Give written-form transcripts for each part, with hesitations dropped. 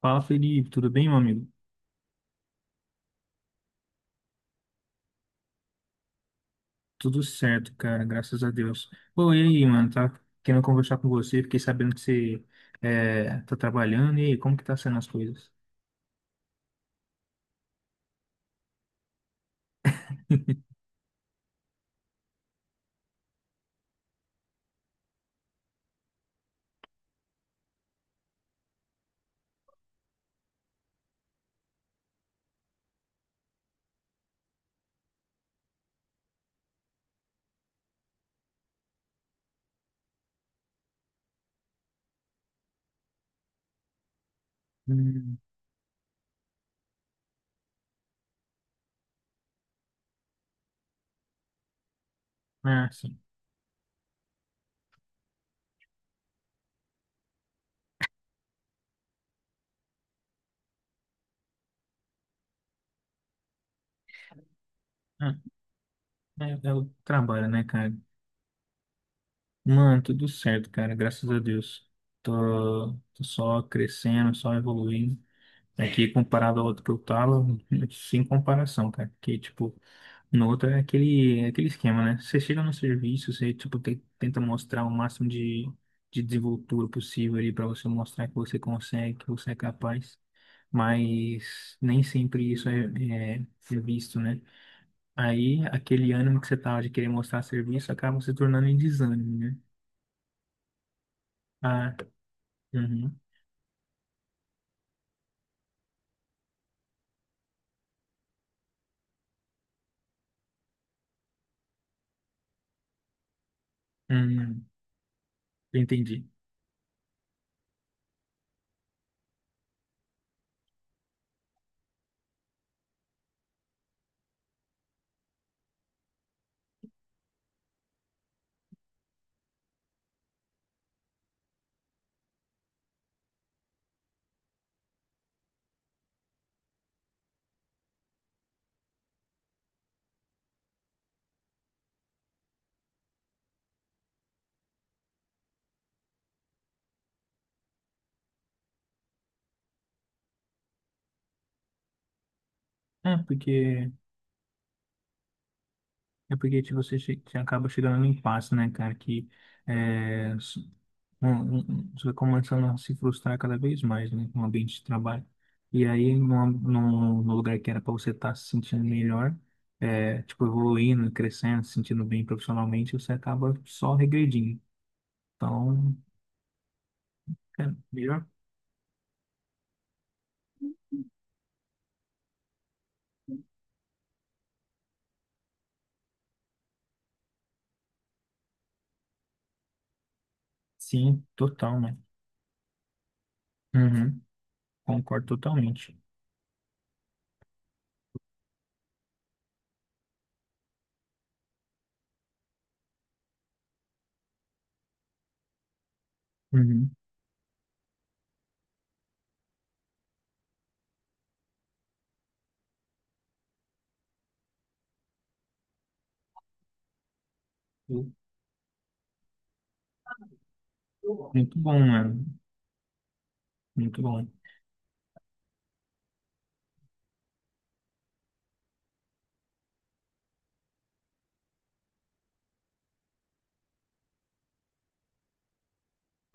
Fala, Felipe, tudo bem, meu amigo? Tudo certo, cara, graças a Deus. Pô, e aí, mano, tá querendo conversar com você, fiquei sabendo que você tá trabalhando, e aí, como que tá sendo as coisas? Hum, ah, sim. Ah, é o trabalho, né, cara? Mano, tudo certo, cara, graças a Deus. Tô só crescendo, só evoluindo. Aqui, comparado ao outro que eu tava, sem comparação, cara, que, tipo, no outro é aquele esquema, né? Você chega no serviço, você, tipo, tenta mostrar o máximo de desenvoltura possível ali para você mostrar que você consegue, que você é capaz, mas nem sempre isso é, é visto, né? Aí, aquele ânimo que você tava de querer mostrar serviço acaba se tornando em desânimo, né? Ah, uhum, uhum, entendi. É porque, é porque tipo, você acaba chegando no impasse, né, cara, que... É, bom, você vai começando a se frustrar cada vez mais, né, com o ambiente de trabalho. E aí, num lugar que era para você estar se sentindo melhor, é, tipo, evoluindo, crescendo, se sentindo bem profissionalmente, você acaba só regredindo. Então, é melhor? Sim, total, né? Uhum, concordo totalmente. Uhum. Muito bom, mano. Muito bom.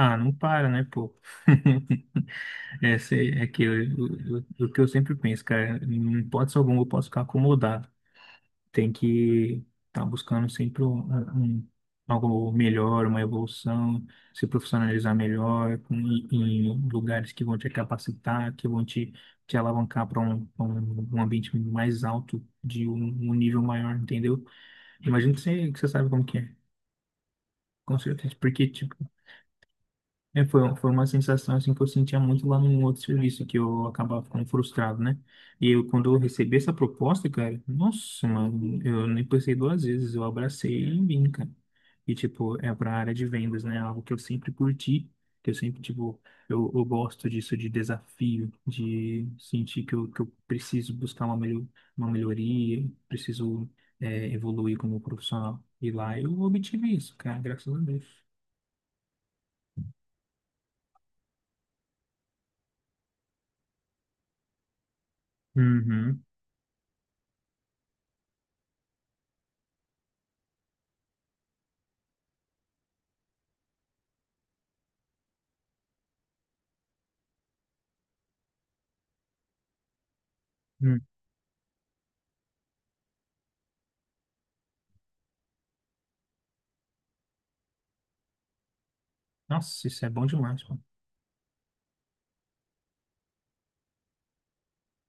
Ah, não para, né, pô? É, sei, é que o que eu sempre penso, cara, em hipótese alguma eu posso ficar acomodado. Tem que estar tá buscando sempre um- algo melhor, uma evolução, se profissionalizar melhor, com, em lugares que vão te capacitar, que vão te, te alavancar para pra um ambiente mais alto, de um nível maior, entendeu? Imagino que que você sabe como que é, com certeza. Porque, tipo, é, foi uma sensação assim que eu sentia muito lá num outro serviço, que eu acabava ficando frustrado, né? E quando eu recebi essa proposta, cara, nossa, mano, eu nem pensei duas vezes, eu abracei e vim, cara. E, tipo, é pra área de vendas, né? É algo que eu sempre curti, que eu sempre, tipo, eu gosto disso de desafio, de sentir que que eu preciso buscar uma melhoria, preciso, é, evoluir como profissional. E lá eu obtive isso, cara, graças a Deus. Uhum, uhum. Nossa, isso é bom demais, pô.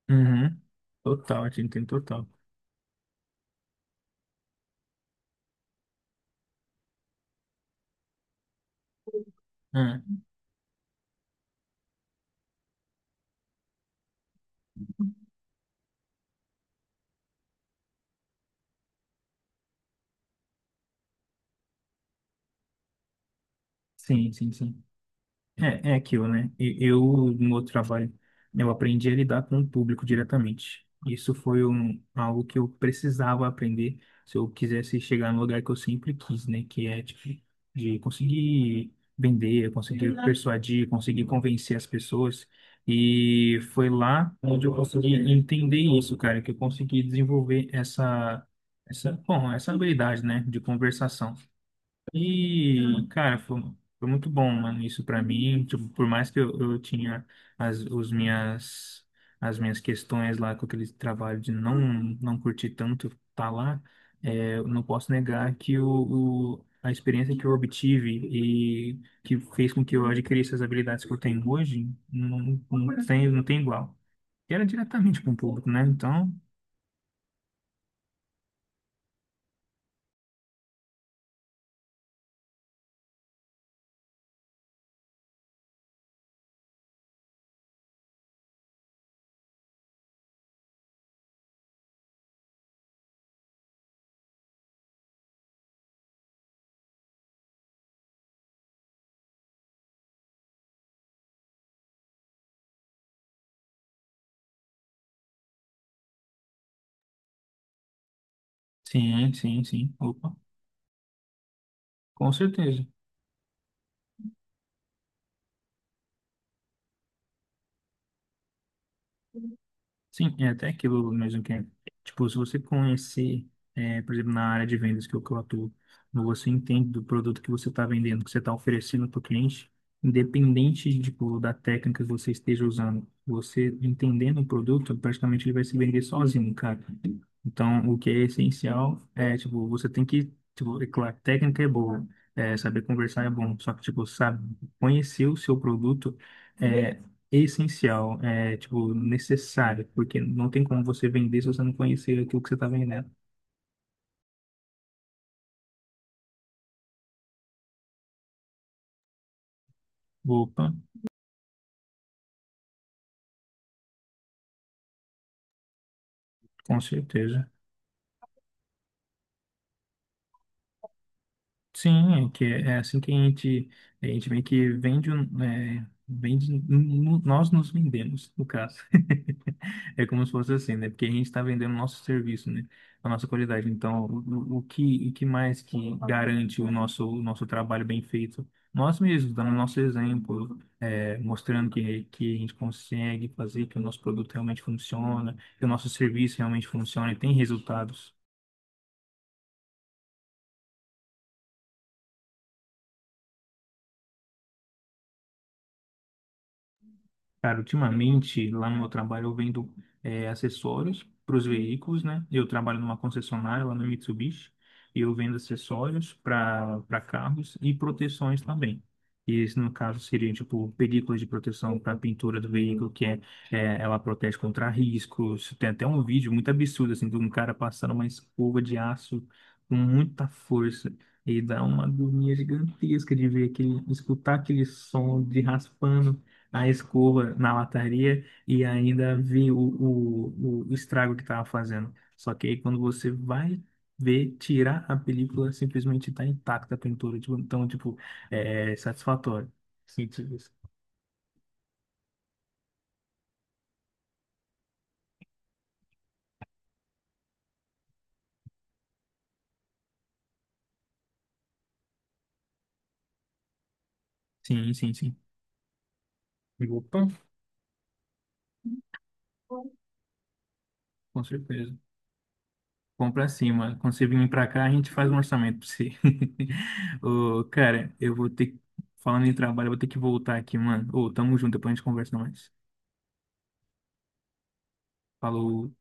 Uhum. Total, a gente tem total. Ah, sim, sim, sim. É, é aquilo, né? Eu, no outro trabalho, eu aprendi a lidar com o público diretamente. Isso foi um, algo que eu precisava aprender se eu quisesse chegar no lugar que eu sempre quis, né? Que é, tipo, de conseguir vender, conseguir persuadir, conseguir convencer as pessoas. E foi lá onde eu consegui entender isso, cara, que eu consegui desenvolver bom, essa habilidade, né? De conversação. E, cara, foi muito bom, mano, isso pra mim. Tipo, por mais que eu tinha as, os minhas, as minhas questões lá com aquele trabalho de não curtir tanto tá lá, é, eu não posso negar que a experiência que eu obtive e que fez com que eu adquirisse as habilidades que eu tenho hoje, não tem, não tem igual. E era diretamente com o público, né? Então, sim, sim, sim. Opa, com certeza. Sim, é até aquilo mesmo que, é, tipo, se você conhecer, é, por exemplo, na área de vendas que eu atuo, quando você entende do produto que você está vendendo, que você está oferecendo para o cliente, independente, tipo, da técnica que você esteja usando, você entendendo o produto, praticamente ele vai se vender sozinho, cara. Então, o que é essencial é, tipo, você tem que, tipo, é claro, técnica é boa, é, saber conversar é bom, só que, tipo, sabe, conhecer o seu produto é essencial, é, tipo, necessário, porque não tem como você vender se você não conhecer aquilo que você está vendendo. Opa, com certeza. Sim, é que é assim que a gente meio que vende, nós nos vendemos, no caso. É como se fosse assim, né? Porque a gente está vendendo o nosso serviço, né? A nossa qualidade. Então, o que mais que garante o nosso trabalho bem feito? Nós mesmos, dando o nosso exemplo, é, mostrando que a gente consegue fazer, que o nosso produto realmente funciona, que o nosso serviço realmente funciona e tem resultados. Cara, ultimamente lá no meu trabalho eu vendo acessórios para os veículos, né? Eu trabalho numa concessionária lá no Mitsubishi e eu vendo acessórios para carros e proteções também. E esse, no caso, seria tipo películas de proteção para a pintura do veículo, que é, ela protege contra riscos. Tem até um vídeo muito absurdo assim de um cara passando uma escova de aço com muita força. E dá uma agonia gigantesca de ver aquele, escutar aquele som de raspando a escova na lataria e ainda vi o estrago que estava fazendo. Só que aí quando você vai ver, tirar a película, simplesmente está intacta a pintura. Tipo, então, tipo, é satisfatório. Sim, sim, sim, sim. Opa, com certeza. Compra cima quando você vir pra cá, a gente faz um orçamento pra você. Ô, cara, eu vou ter que... Falando em trabalho, eu vou ter que voltar aqui, mano. Ô, tamo junto, depois a gente conversa mais. Falou.